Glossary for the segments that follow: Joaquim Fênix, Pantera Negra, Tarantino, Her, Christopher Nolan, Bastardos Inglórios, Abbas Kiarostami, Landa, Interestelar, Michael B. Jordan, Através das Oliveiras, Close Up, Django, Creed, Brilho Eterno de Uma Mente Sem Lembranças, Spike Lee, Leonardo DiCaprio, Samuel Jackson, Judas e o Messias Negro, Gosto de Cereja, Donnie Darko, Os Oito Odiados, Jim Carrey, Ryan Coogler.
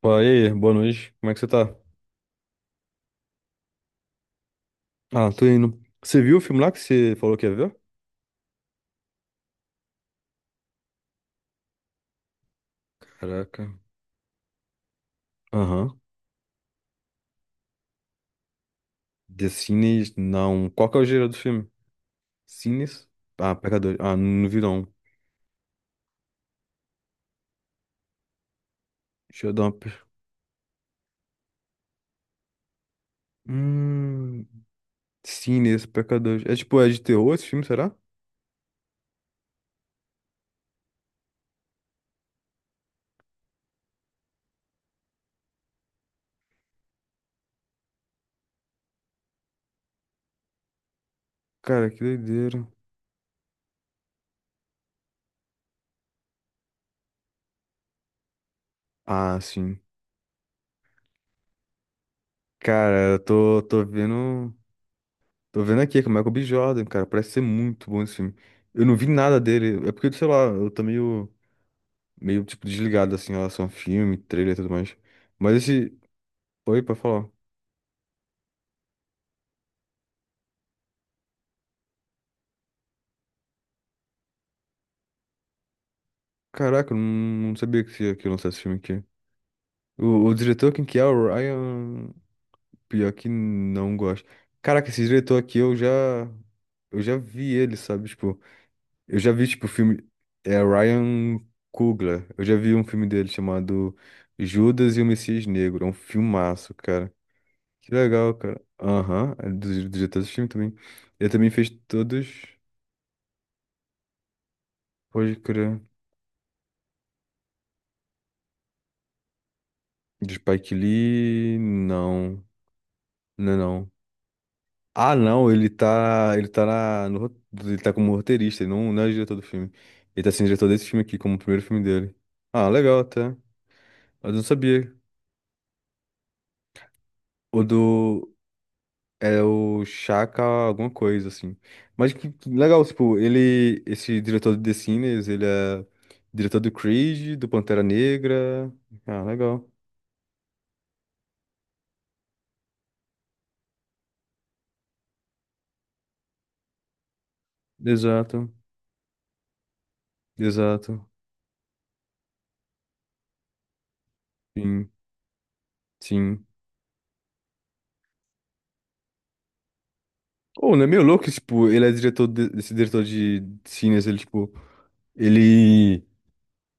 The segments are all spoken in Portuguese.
Pô, e aí, boa noite. Como é que você tá? Ah, tô indo. Você viu o filme lá que você falou que ia ver? Caraca. Aham. The Sinners, não. Qual que é o gênero do filme? Sinners? Ah, Pecadores. Ah, não vi não. Deixa eu dar uma. Hum... Sinners, Pecadores. É tipo, é de terror esse filme, será? Cara, que doideira. Ah, sim. Cara, eu tô vendo. Tô vendo aqui, que é o Michael B. Jordan, cara. Parece ser muito bom esse filme. Eu não vi nada dele. É porque, sei lá, eu tô meio, tipo, desligado, assim, em relação a filme, trailer e tudo mais. Mas esse. Oi, pra falar. Caraca, eu não sabia que ia lançar esse filme aqui. O diretor, quem que é? O Ryan. Pior que não gosto. Caraca, esse diretor aqui, eu já. Eu já vi ele, sabe? Tipo, eu já vi, tipo, o filme. É Ryan Coogler. Eu já vi um filme dele chamado Judas e o Messias Negro. É um filmaço, cara. Que legal, cara. Aham, é do diretor desse filme também. Ele também fez todos. Pode crer. De Spike Lee, não. Não, é não. Ah, não, ele tá na, no ro- ele tá como roteirista, ele não é diretor do filme. Ele tá sendo diretor desse filme aqui, como o primeiro filme dele. Ah, legal até. Eu não sabia. O do, é o Chaka alguma coisa, assim. Mas que legal, tipo, ele, esse diretor de The Sinners, ele é diretor do Creed, do Pantera Negra. Ah, legal. Exato, exato. Sim, sim. Ou não é meio louco, tipo, ele é diretor desse diretor de cines, ele, tipo, ele.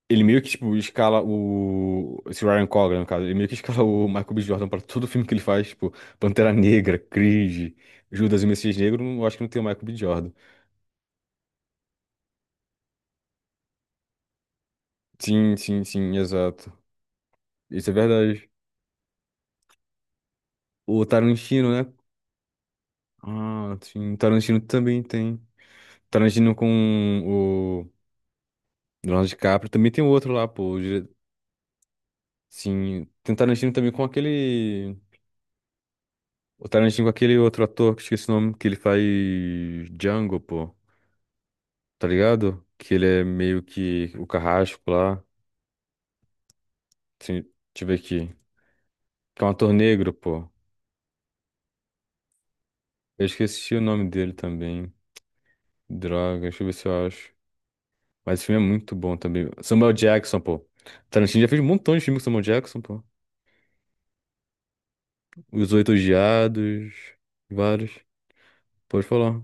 Ele meio que, tipo, escala o. Esse Ryan Coogler, no caso, ele meio que escala o Michael B. Jordan pra todo filme que ele faz, tipo, Pantera Negra, Creed, Judas e o Messias Negro, eu acho que não tem o Michael B. Jordan. Sim, sim, sim, exato. Isso é verdade. O Tarantino, né? Ah, sim, o Tarantino também tem. Tarantino com o Leonardo DiCaprio, também tem outro lá, pô. Sim, tem Tarantino também com aquele. O Tarantino com aquele outro ator que eu esqueci o nome, que ele faz Django, pô. Tá ligado? Que ele é meio que o carrasco lá. Assim, deixa eu ver aqui. Que é um ator negro, pô. Eu esqueci o nome dele também. Droga, deixa eu ver se eu acho. Mas esse filme é muito bom também. Samuel Jackson, pô. Tarantino já fez um montão de filme com Samuel Jackson, pô. Os Oito Odiados, vários. Pode falar.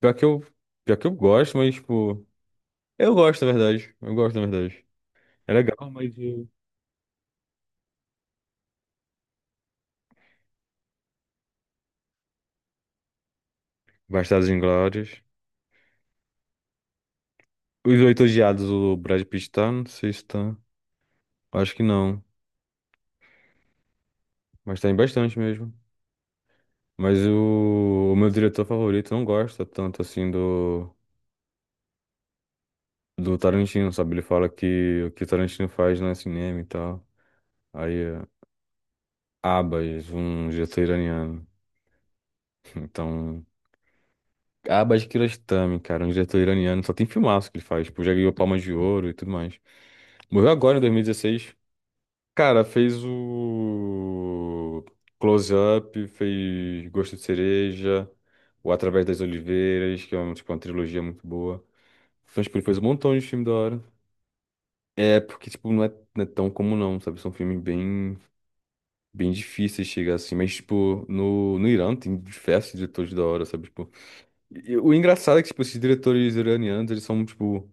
Pior que eu, pior que eu gosto, mas, tipo. Eu gosto, na verdade. Eu gosto, na verdade. É legal, mas. Bastardos Inglórios. Os Oito Odiados, o Brad Pitt tá? Não sei se tá. Acho que não. Mas tá em bastante mesmo. Mas o meu diretor favorito não gosta tanto assim do Tarantino, sabe? Ele fala que o Tarantino faz não é cinema e tal. Aí, é Abbas, um diretor iraniano. Então, Abbas Kiarostami, cara, um diretor iraniano. Só tem filmaço que ele faz. Tipo, já ganhou Palma de Ouro e tudo mais. Morreu agora em 2016. Cara, fez o Close Up, fez Gosto de Cereja, o Através das Oliveiras, que é uma trilogia muito boa. Então, tipo, ele fez um montão de filme da hora. É, porque, tipo, não é tão comum não, sabe? São filmes bem, bem difíceis de chegar assim. Mas, tipo, no Irã tem diversos diretores da hora, sabe? Tipo, e o engraçado é que, tipo, esses diretores iranianos, eles são, tipo,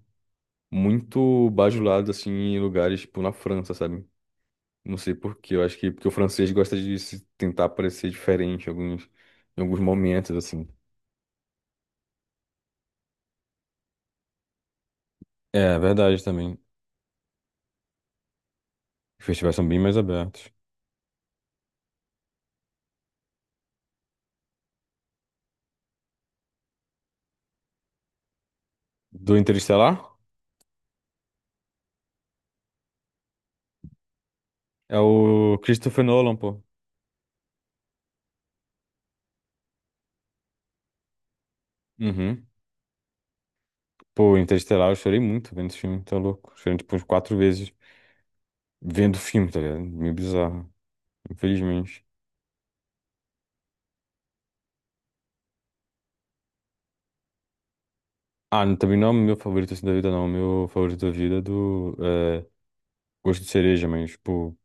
muito bajulados, assim, em lugares, tipo, na França, sabe? Não sei por quê. Eu acho que porque o francês gosta de se tentar parecer diferente em alguns momentos, assim. É verdade também. Os festivais são bem mais abertos. Do Interestelar? É o Christopher Nolan, pô. Uhum. Pô, Interestelar, eu chorei muito vendo esse filme, tá louco? Chorei tipo umas quatro vezes vendo o filme, tá ligado? Meio bizarro, infelizmente. Ah, também não é o meu favorito assim da vida, não. O meu favorito da vida é do é, Gosto de Cereja, mas, tipo,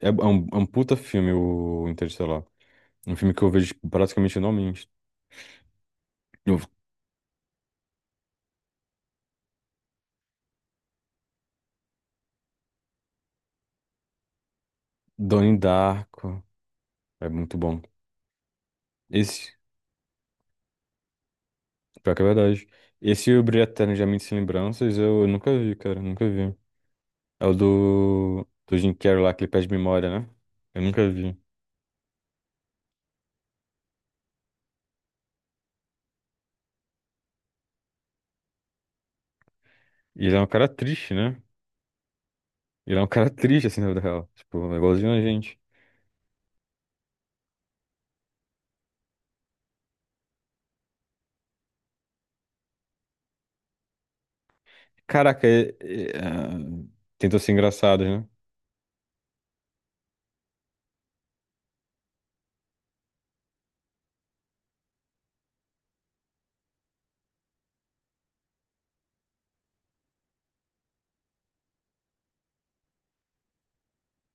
é um puta filme o Interestelar. Um filme que eu vejo tipo, praticamente anualmente. O Donnie Darko. É muito bom. Esse, pior que é verdade. Esse e o Brilho Eterno de Uma Mente Sem Lembranças eu, nunca vi, cara. Nunca vi. É o do Jim Carrey lá, que ele perde memória, né? Eu nunca vi. E ele é um cara triste, né? Ele é um cara triste, assim, na vida real. Tipo, é igualzinho a gente. Caraca, tentam ser engraçados, né?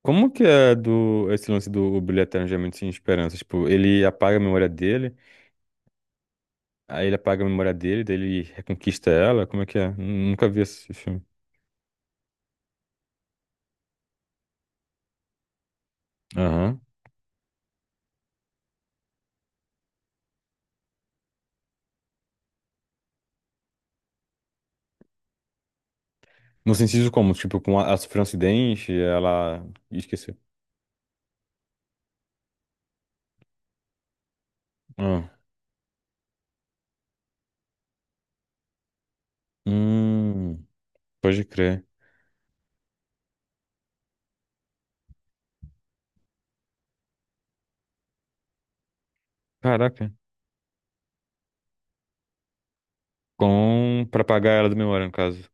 Como que esse lance do Brilho Eterno de Uma Mente Sem Esperança? Tipo, ele apaga a memória dele. Aí ele apaga a memória dele, daí ele reconquista ela. Como é que é? Nunca vi esse filme. Aham. No sentido como? Tipo, com ela sofreu um acidente, ela esqueceu. Ah. Hum, pode crer. Caraca. Pra apagar ela da memória, no caso.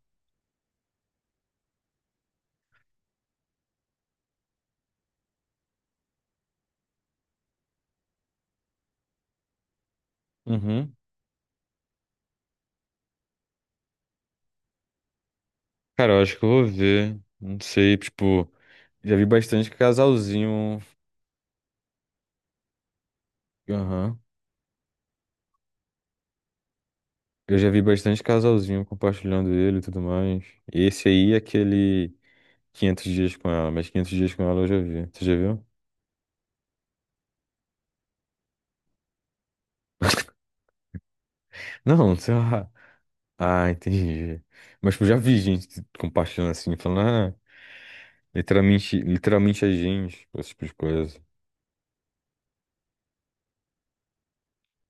Uhum. Cara, eu acho que eu vou ver. Não sei, tipo. Já vi bastante casalzinho. Aham. Eu já vi bastante casalzinho compartilhando ele e tudo mais. Esse aí é aquele 500 dias com ela, mas 500 dias com ela eu já vi. Você já viu? Não, sei lá. Ah, entendi. Mas tipo, já vi gente compartilhando assim, falando, ah, literalmente, literalmente a gente, tipo, esse tipo de coisa.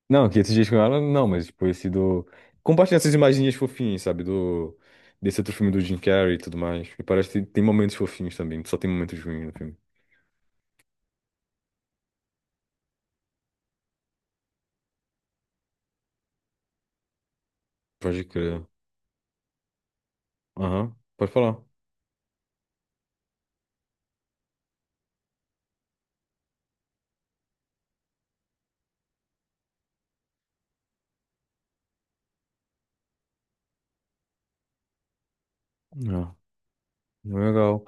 Não, que esses dias com ela, não, mas tipo, esse do. Compartilhando essas imaginhas fofinhas, sabe? Do. Desse outro filme do Jim Carrey e tudo mais. E parece que tem momentos fofinhos também, só tem momentos ruins no filme. Pode crer. Aham, pode falar. Não, não é legal.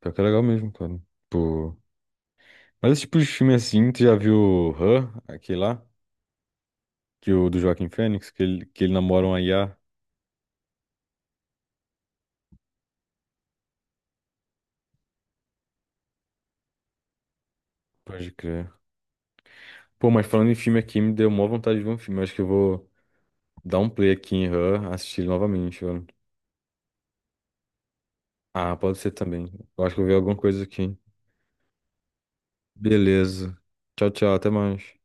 Pior que é legal mesmo, cara. Pô. Mas esse tipo de filme assim, tu já viu Her, aquele lá? Que o do Joaquim Fênix, que ele, namora uma IA. Pode crer. Pô, mas falando em filme aqui, me deu maior vontade de ver um filme. Eu acho que eu vou dar um play aqui em Her, assistir ele novamente, velho. Ah, pode ser também. Eu acho que eu vi alguma coisa aqui. Beleza. Tchau, tchau. Até mais.